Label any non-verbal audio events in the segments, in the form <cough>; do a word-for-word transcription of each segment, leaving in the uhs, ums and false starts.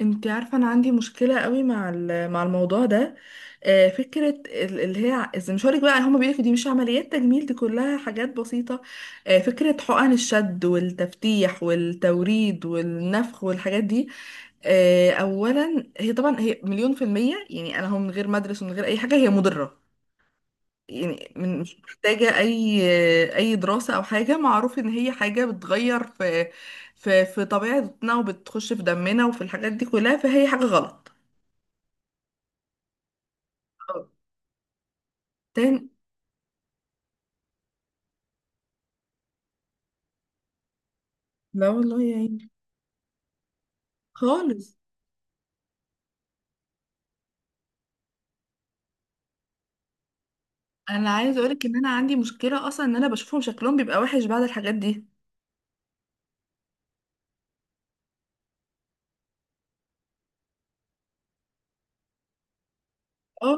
انت عارفة انا عندي مشكلة قوي مع ال- مع الموضوع ده. آه، فكرة ال- اللي هي ع- إذا مش هقولك بقى، هما بيقولك دي مش عمليات تجميل، دي كلها حاجات بسيطة. آه، فكرة حقن الشد والتفتيح والتوريد والنفخ والحاجات دي. آه، اولا هي طبعا هي مليون في المية، يعني انا هم من غير ما ادرس ومن غير اي حاجة هي مضرة. يعني من مش محتاجة أي أي دراسة أو حاجة، معروف إن هي حاجة بتغير في في في طبيعتنا وبتخش في دمنا وفي الحاجات دي كلها، فهي حاجة غلط. أه. تاني. لا والله يا عيني. خالص. أنا عايزة أقولك إن أنا عندي مشكلة أصلا إن أنا بشوفهم شكلهم بيبقى وحش بعد الحاجات دي. اه.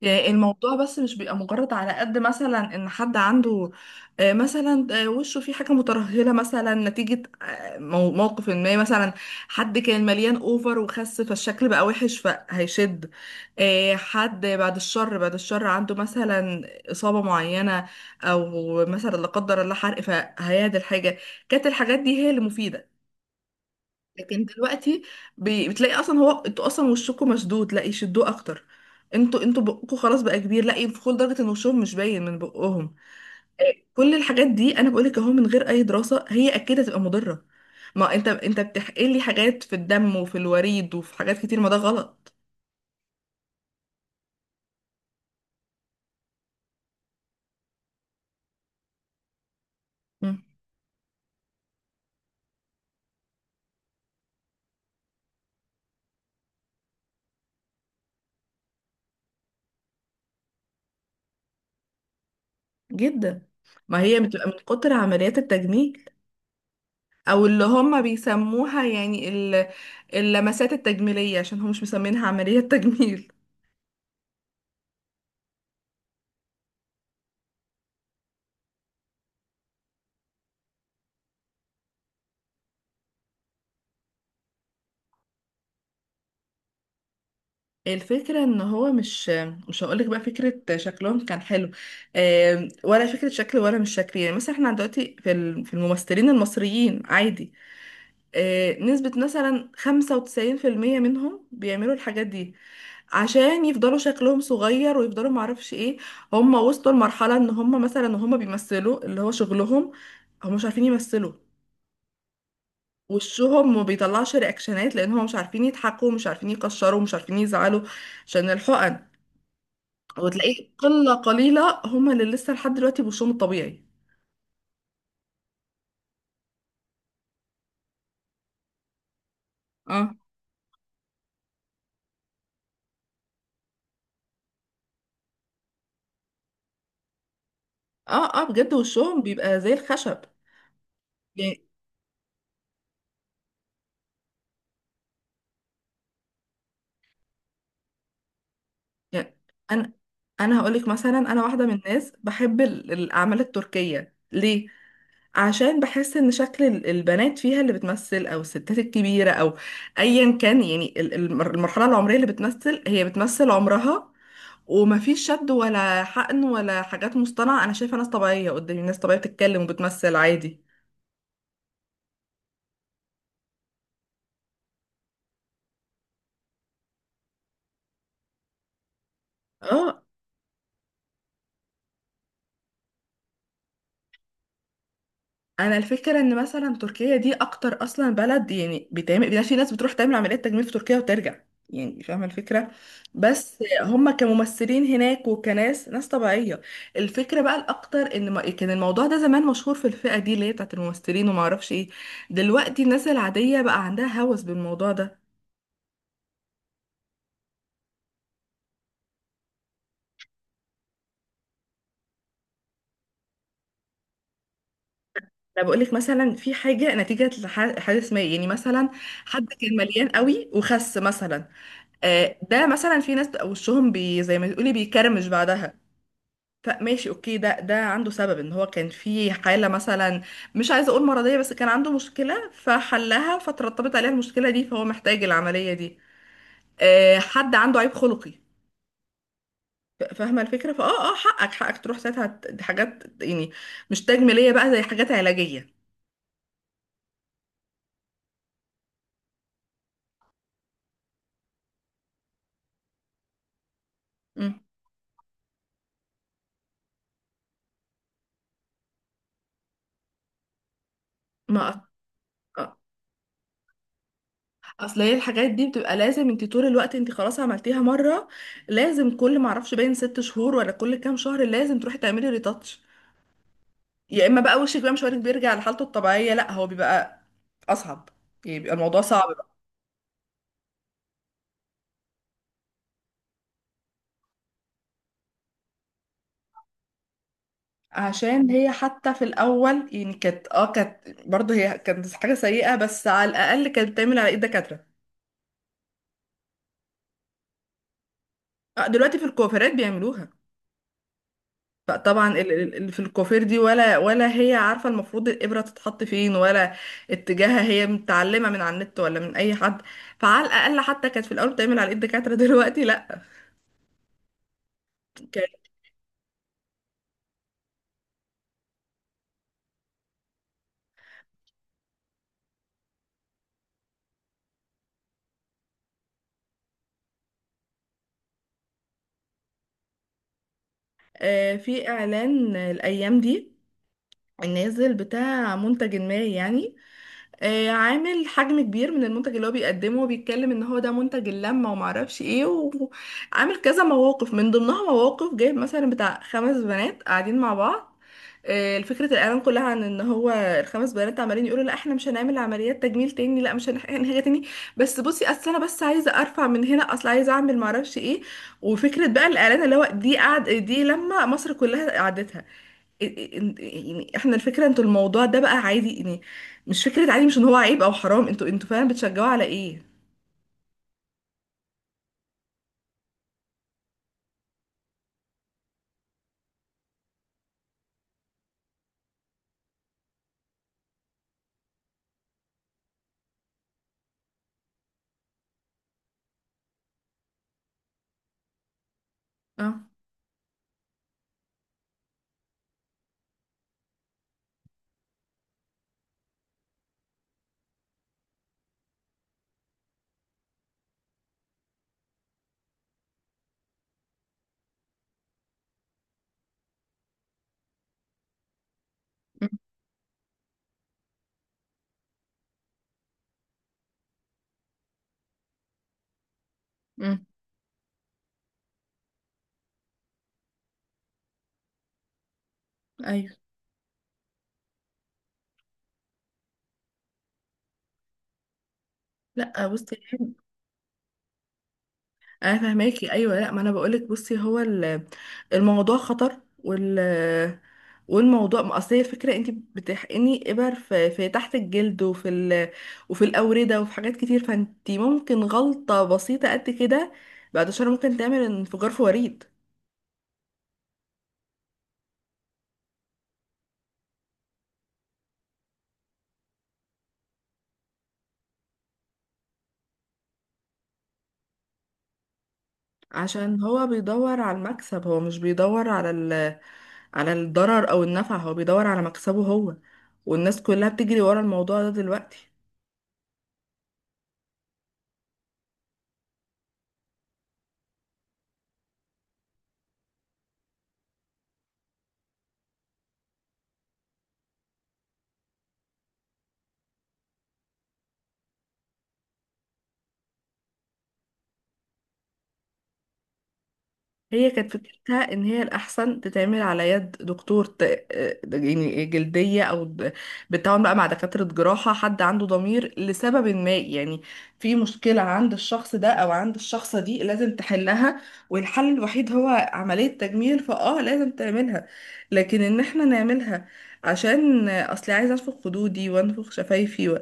يعني الموضوع بس مش بيبقى مجرد على قد مثلا ان حد عنده، آه، مثلا آه، وشه فيه حاجه مترهله مثلا نتيجه آه، مو- موقف ما، مثلا حد كان مليان اوفر وخس فالشكل بقى وحش فهيشد، آه، حد بعد الشر بعد الشر عنده مثلا اصابه معينه، او مثلا لا قدر الله حرق فهيعدل حاجه. كانت الحاجات دي هي اللي مفيده. لكن دلوقتي بي- بتلاقي اصلا، هو انتوا اصلا وشكم مشدود لا يشدوه اكتر، انتوا انتوا بقكم خلاص بقى كبير لا ينفخوا لدرجه ان وشهم مش باين من بقهم. إيه، كل الحاجات دي انا بقولك اهو، من غير اي دراسه هي اكيد هتبقى مضره. ما انت انت بتحقن لي حاجات في الدم وفي الوريد وفي حاجات كتير، ما ده غلط. مم. جدا. ما هي بتبقى من كتر عمليات التجميل، او اللي هم بيسموها يعني ال- اللمسات التجميليه، عشان هم مش مسمينها عمليه <laughs> تجميل. الفكرة ان هو مش مش هقولك بقى فكرة شكلهم كان حلو، آم، ولا فكرة شكل ولا مش شكل. يعني مثلا احنا دلوقتي في ال- في الممثلين المصريين عادي، آه، نسبة مثلا خمسة وتسعين في المية منهم بيعملوا الحاجات دي عشان يفضلوا شكلهم صغير ويفضلوا معرفش ايه. هم وصلوا لمرحلة ان هم مثلا وهم بيمثلوا اللي هو شغلهم، هم مش عارفين يمثلوا. وشهم ما بيطلعش رياكشنات لان هم مش عارفين يضحكوا، مش عارفين يكشروا، مش عارفين يزعلوا، عشان الحقن. وتلاقيه قلة قليلة هما اللي لسه لحد دلوقتي بوشهم الطبيعي. اه، اه، اه، بجد وشهم بيبقى زي الخشب. يعني يعني انا انا هقولك مثلا، انا واحدة من الناس بحب ال- الاعمال التركية، ليه؟ عشان بحس ان شكل ال- البنات فيها اللي بتمثل، او الستات الكبيرة، او ايا كان، يعني ال- المر- المرحلة العمرية اللي بتمثل هي بتمثل عمرها، ومفيش شد ولا حقن ولا حاجات مصطنعة. انا شايفة ناس طبيعية قدامي، ناس طبيعية بتتكلم وبتمثل عادي. اه. انا الفكره ان مثلا تركيا دي اكتر اصلا بلد، يعني بيتعمل، يعني في ناس بتروح تعمل عمليات تجميل في تركيا وترجع، يعني فاهمه الفكره. بس هم كممثلين هناك وكناس، ناس طبيعيه. الفكره بقى الاكتر ان ما- كان الموضوع ده زمان مشهور في الفئه دي اللي هي بتاعت الممثلين وما اعرفش ايه، دلوقتي الناس العاديه بقى عندها هوس بالموضوع ده. انا بقول لك مثلا، في حاجه نتيجه لح- حادث ما، يعني مثلا حد كان مليان قوي وخس مثلا، آه، ده مثلا في ناس بقى وشهم بي زي ما تقولي بيكرمش بعدها. ف- ماشي، اوكي، ده ده عنده سبب، ان هو كان في حالة مثلا، مش عايزة اقول مرضية، بس كان عنده مشكلة فحلها فترتبت عليها المشكلة دي، فهو محتاج العملية دي. آه، حد عنده عيب خلقي، ف- فاهمة الفكرة فاه، اه حقك حقك تروح ساعتها ت- دي حاجات يعني مش تجميلية بقى، زي حاجات علاجية. مم. ما آه، اصل هي الحاجات دي بتبقى لازم، انت طول الوقت انت خلاص عملتيها مرة، لازم كل ما اعرفش باين ست شهور ولا كل كام شهر لازم تروحي تعملي ريتاتش. يا اما بقى وشك بقى مش وارد بيرجع لحالته الطبيعيه، لا هو بيبقى اصعب، يعني بيبقى الموضوع صعب بقى. عشان هي حتى في الاول يعني كانت اه، كانت برضه هي كانت حاجه سيئه، بس على الاقل كانت بتعمل على ايد دكاتره. آه، دلوقتي في الكوافيرات بيعملوها، فطبعا ال- ال- ال- في الكوافير دي ولا ولا هي عارفه المفروض الابره تتحط فين، ولا اتجاهها، هي متعلمه من على النت ولا من اي حد. فعلى الاقل حتى كانت في الاول بتعمل على ايد دكاتره <laughs> دلوقتي لا. كان آه، في اعلان الايام دي نازل بتاع منتج ما، يعني آه، عامل حجم كبير من المنتج اللي هو بيقدمه، وبيتكلم ان هو ده منتج اللمة ومعرفش ايه، وعامل كذا مواقف، من ضمنها مواقف جايب مثلا بتاع خمس بنات قاعدين مع بعض. آه، الفكرة الإعلان كلها عن إن هو الخمس بنات عمالين يقولوا لا إحنا مش هنعمل عمليات تجميل تاني، لا مش هنح- هنحاجة تاني، بس بصي أصل أنا بس عايزة أرفع من هنا، أصل عايزة أعمل معرفش إيه. وفكرة بقى الإعلان اللي هو دي قعد، دي لما مصر كلها قعدتها. يعني احنا الفكره انتوا الموضوع ده بقى عادي يعني، مش فكره عادي، مش ان هو عيب او حرام، انتوا انتوا فعلا بتشجعوا على ايه. اه. مم. مم. ايوه. لا بصي، انا فاهماكي، ايوه. لا ما انا بقولك، بصي هو ال- الموضوع خطر، وال والموضوع ما اصل هي الفكره، انت بتحقني ابر في, في تحت الجلد وفي ال... وفي الاورده وفي حاجات كتير، فانت ممكن غلطه بسيطه قد كده بعد شهر ممكن تعمل انفجار في وريد. عشان هو بيدور على المكسب، هو مش بيدور على ال... على الضرر او النفع، هو بيدور على مكسبه هو، والناس كلها بتجري ورا الموضوع ده دلوقتي. هي كانت فكرتها ان هي الاحسن تتعمل على يد دكتور ت... آه، يعني جلديه او د- بالتعاون بقى مع دكاتره جراحه، حد عنده ضمير لسبب ما، يعني في مشكله عند الشخص ده او عند الشخصه دي لازم تحلها، والحل الوحيد هو عمليه تجميل، فاه لازم تعملها. لكن ان احنا نعملها عشان آه، اصلي عايزه انفخ خدودي وانفخ شفايفي،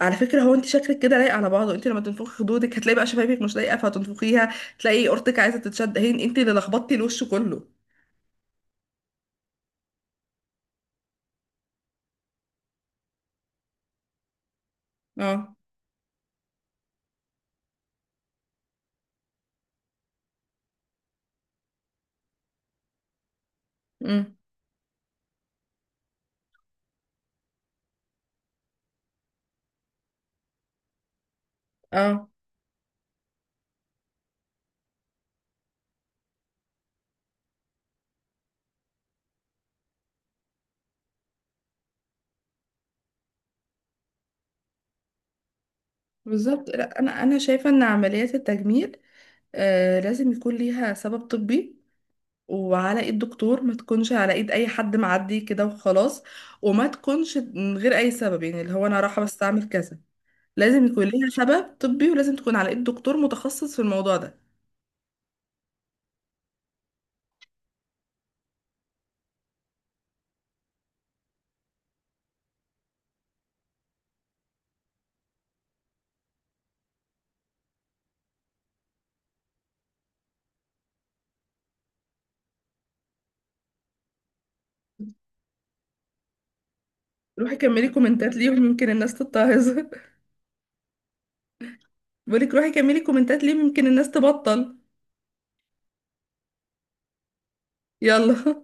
على فكرة هو انت شكلك كده لايق على بعضه، انت لما تنفخي خدودك هتلاقي بقى شفايفك مش لايقة فهتنفخيها، تلاقي قرطك عايزة تتشد، هي انت اللي لخبطتي الوش كله. اه. امم. اه بالظبط. لا، انا انا شايفة ان عمليات التجميل آه لازم يكون ليها سبب طبي، وعلى ايد دكتور، ما تكونش على ايد اي حد معدي كده وخلاص، وما تكونش من غير اي سبب، يعني اللي هو انا رايحة بس اعمل كذا. لازم يكون ليها سبب طبي، ولازم تكون على ايد دكتور متخصص في الموضوع ده. روحي كملي كومنتات ليهم يمكن الناس تتعظ <laughs> بقولك روحي كملي كومنتات ليه ممكن الناس تبطل. يلا.